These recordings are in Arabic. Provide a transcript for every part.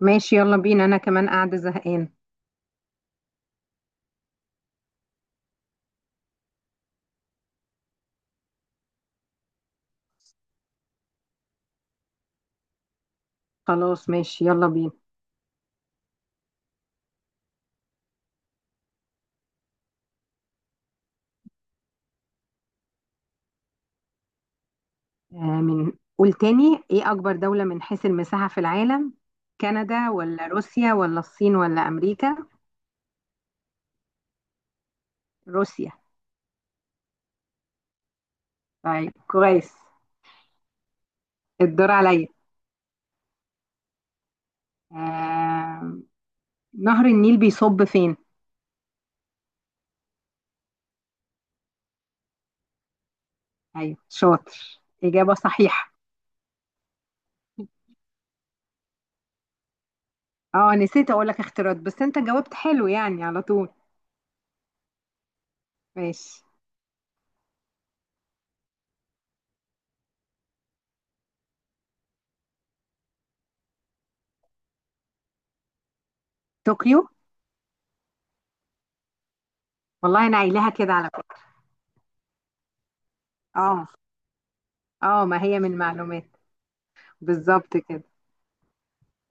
ماشي، يلا بينا. انا كمان قاعدة زهقان. خلاص، ماشي، يلا بينا. آه من قول تاني، ايه اكبر دولة من حيث المساحة في العالم؟ كندا ولا روسيا ولا الصين ولا امريكا؟ روسيا. طيب، كويس. الدور عليا. آه نهر النيل بيصب فين؟ ايوه، شاطر، اجابة صحيحة. اه، نسيت اقول لك اختيارات بس انت جاوبت حلو يعني على طول. ماشي. طوكيو. والله انا قايلاها كده على فكرة. اه. اه، ما هي من معلومات. بالظبط كده.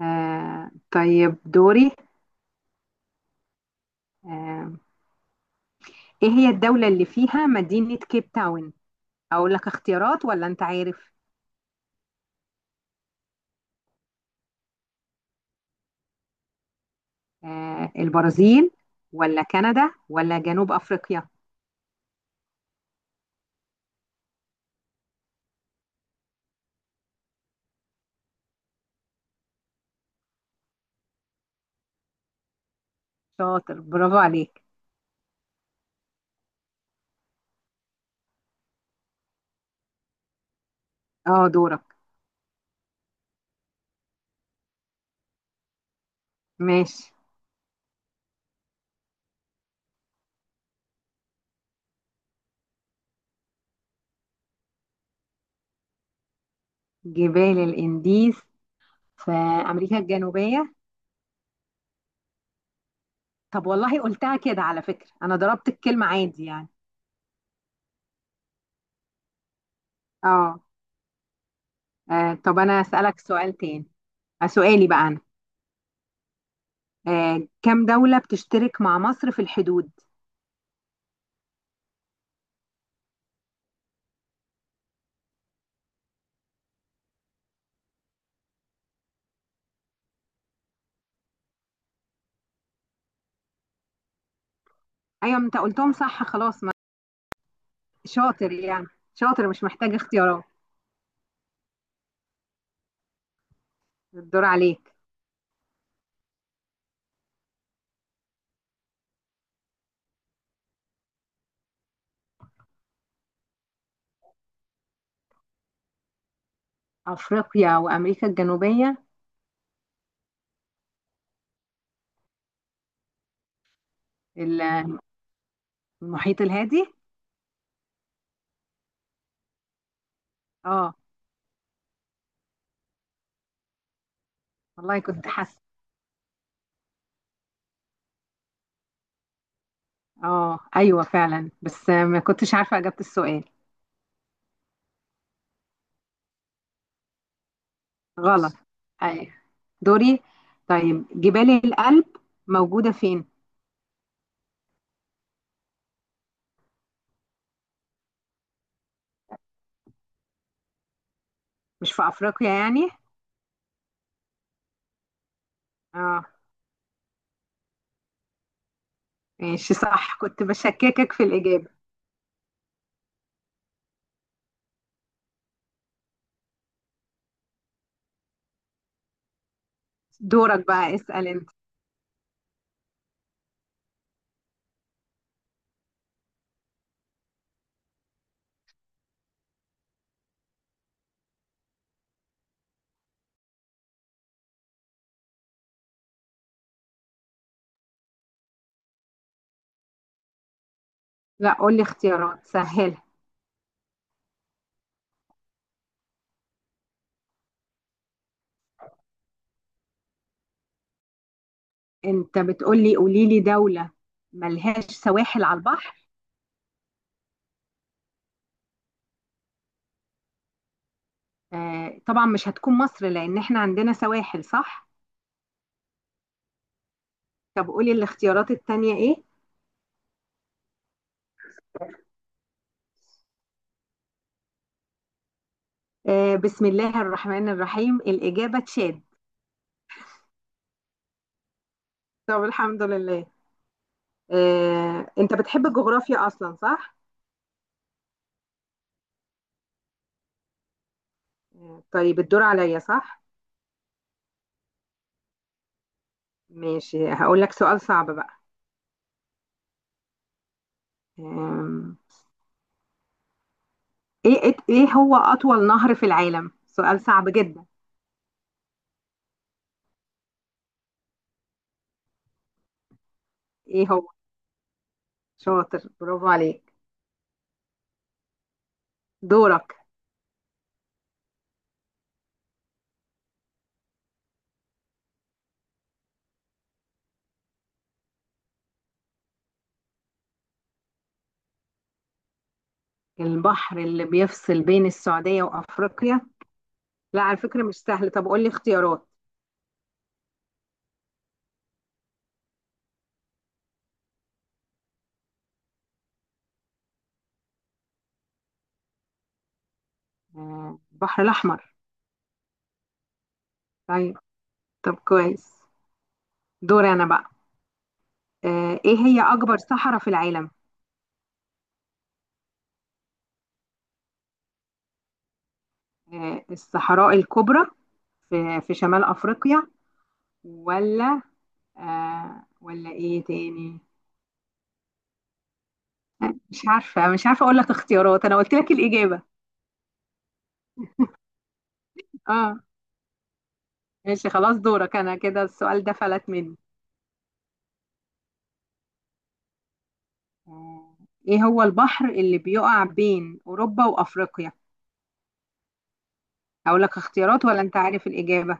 آه، طيب دوري. آه ايه هي الدولة اللي فيها مدينة كيب تاون؟ اقول لك اختيارات ولا انت عارف؟ البرازيل ولا كندا ولا جنوب افريقيا؟ شاطر، برافو عليك. اه، دورك. ماشي. جبال الانديز؟ في امريكا الجنوبية. طب والله قلتها كده على فكرة، انا ضربت الكلمة عادي يعني. اه. طب انا اسألك سؤال تاني. سؤالي بقى انا. كم دولة بتشترك مع مصر في الحدود؟ ايوه انت قلتهم صح، خلاص ما شاطر يعني. شاطر، مش محتاج اختيارات. الدور عليك. افريقيا وامريكا الجنوبيه. ال- المحيط الهادي. اه. والله كنت حاسه. اه، ايوه فعلا بس ما كنتش عارفه اجابه السؤال. غلط. ايوه. دوري. طيب، جبال الألب موجوده فين؟ مش في افريقيا يعني؟ اه. ماشي، صح، كنت بشككك في الاجابه. دورك بقى، اسال انت. لا، قول لي اختيارات سهله. انت بتقولي قولي لي دولة ملهاش سواحل على البحر؟ آه طبعا مش هتكون مصر لان احنا عندنا سواحل، صح. طب قولي الاختيارات التانية ايه؟ بسم الله الرحمن الرحيم، الإجابة تشاد. طب الحمد لله. انت بتحب الجغرافيا اصلا، صح؟ طيب الدور عليا، صح؟ ماشي، هقول لك سؤال صعب بقى. آه ايه ايه إيه هو اطول نهر في العالم، سؤال صعب جدا؟ ايه هو. شاطر، برافو عليك. دورك. البحر اللي بيفصل بين السعودية وأفريقيا؟ لا على فكرة مش سهل، طب قول لي اختيارات. البحر الأحمر. طيب. طب كويس. دور أنا بقى. إيه هي أكبر صحراء في العالم؟ الصحراء الكبرى، في شمال أفريقيا. ولا ولا إيه تاني؟ مش عارفة، مش عارفة أقول لك اختيارات، أنا قلت لك الإجابة. آه. ماشي، خلاص، دورك أنا، كده السؤال ده فلت مني. آه، إيه هو البحر اللي بيقع بين أوروبا وأفريقيا؟ اقول لك اختيارات ولا انت عارف الاجابه؟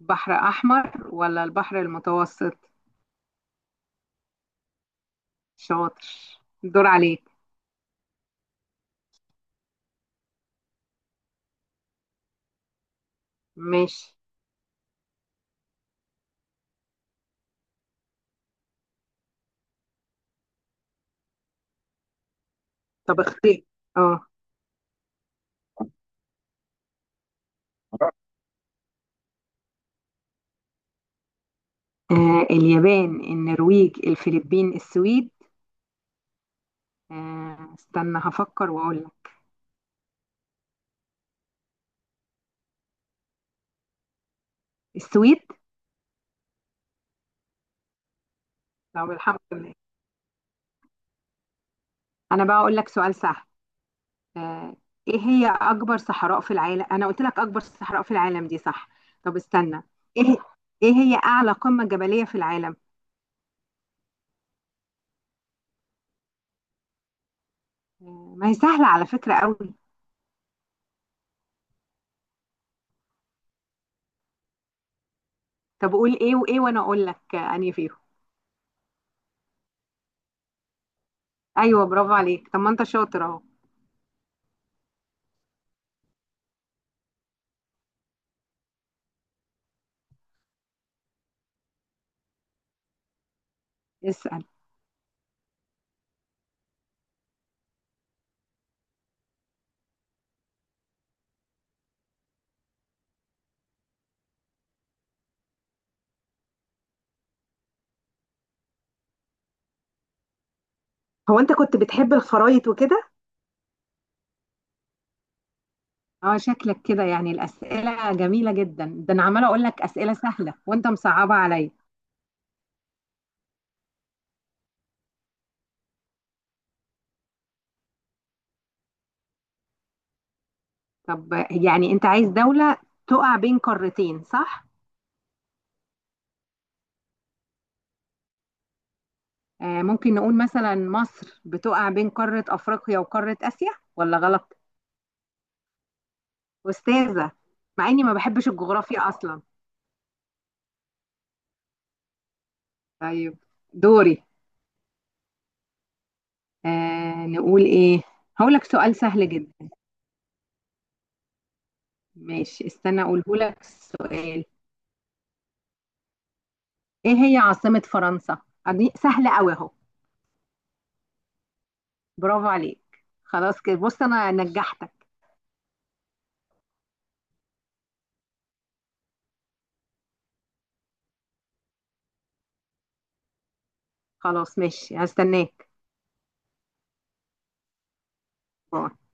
بحر احمر ولا البحر المتوسط؟ شاطر. الدور عليك. ماشي. طب اختار. اه. اليابان، النرويج، الفلبين، السويد. استنى هفكر واقول لك. السويد. طب الحمد لله. انا بقى اقول لك سؤال سهل. آه، ايه هي اكبر صحراء في العالم، انا قلت لك اكبر صحراء في العالم دي، صح؟ طب استنى. ايه ايه هي اعلى قمة جبلية في العالم؟ ما هي سهلة على فكرة قوي. طب قول ايه وايه وانا اقول لك انهي فيهم. ايوه، برافو عليك، طب ما انت شاطر اهو. اسال. هو انت كنت بتحب الخرايط وكده؟ اه، شكلك كده يعني، الاسئله جميله جدا، ده انا عماله اقول لك اسئله سهله وانت مصعبه عليا. طب يعني انت عايز دوله تقع بين قارتين، صح؟ ممكن نقول مثلا مصر بتقع بين قاره افريقيا وقاره اسيا، ولا غلط؟ استاذه. مع اني ما بحبش الجغرافيا اصلا. طيب. دوري. نقول ايه. هقول لك سؤال سهل جدا. ماشي، استنى اقوله لك السؤال. ايه هي عاصمة فرنسا؟ دي سهلة قوي اهو. برافو عليك، خلاص كده بص انا نجحتك. خلاص، ماشي، هستناك. باي.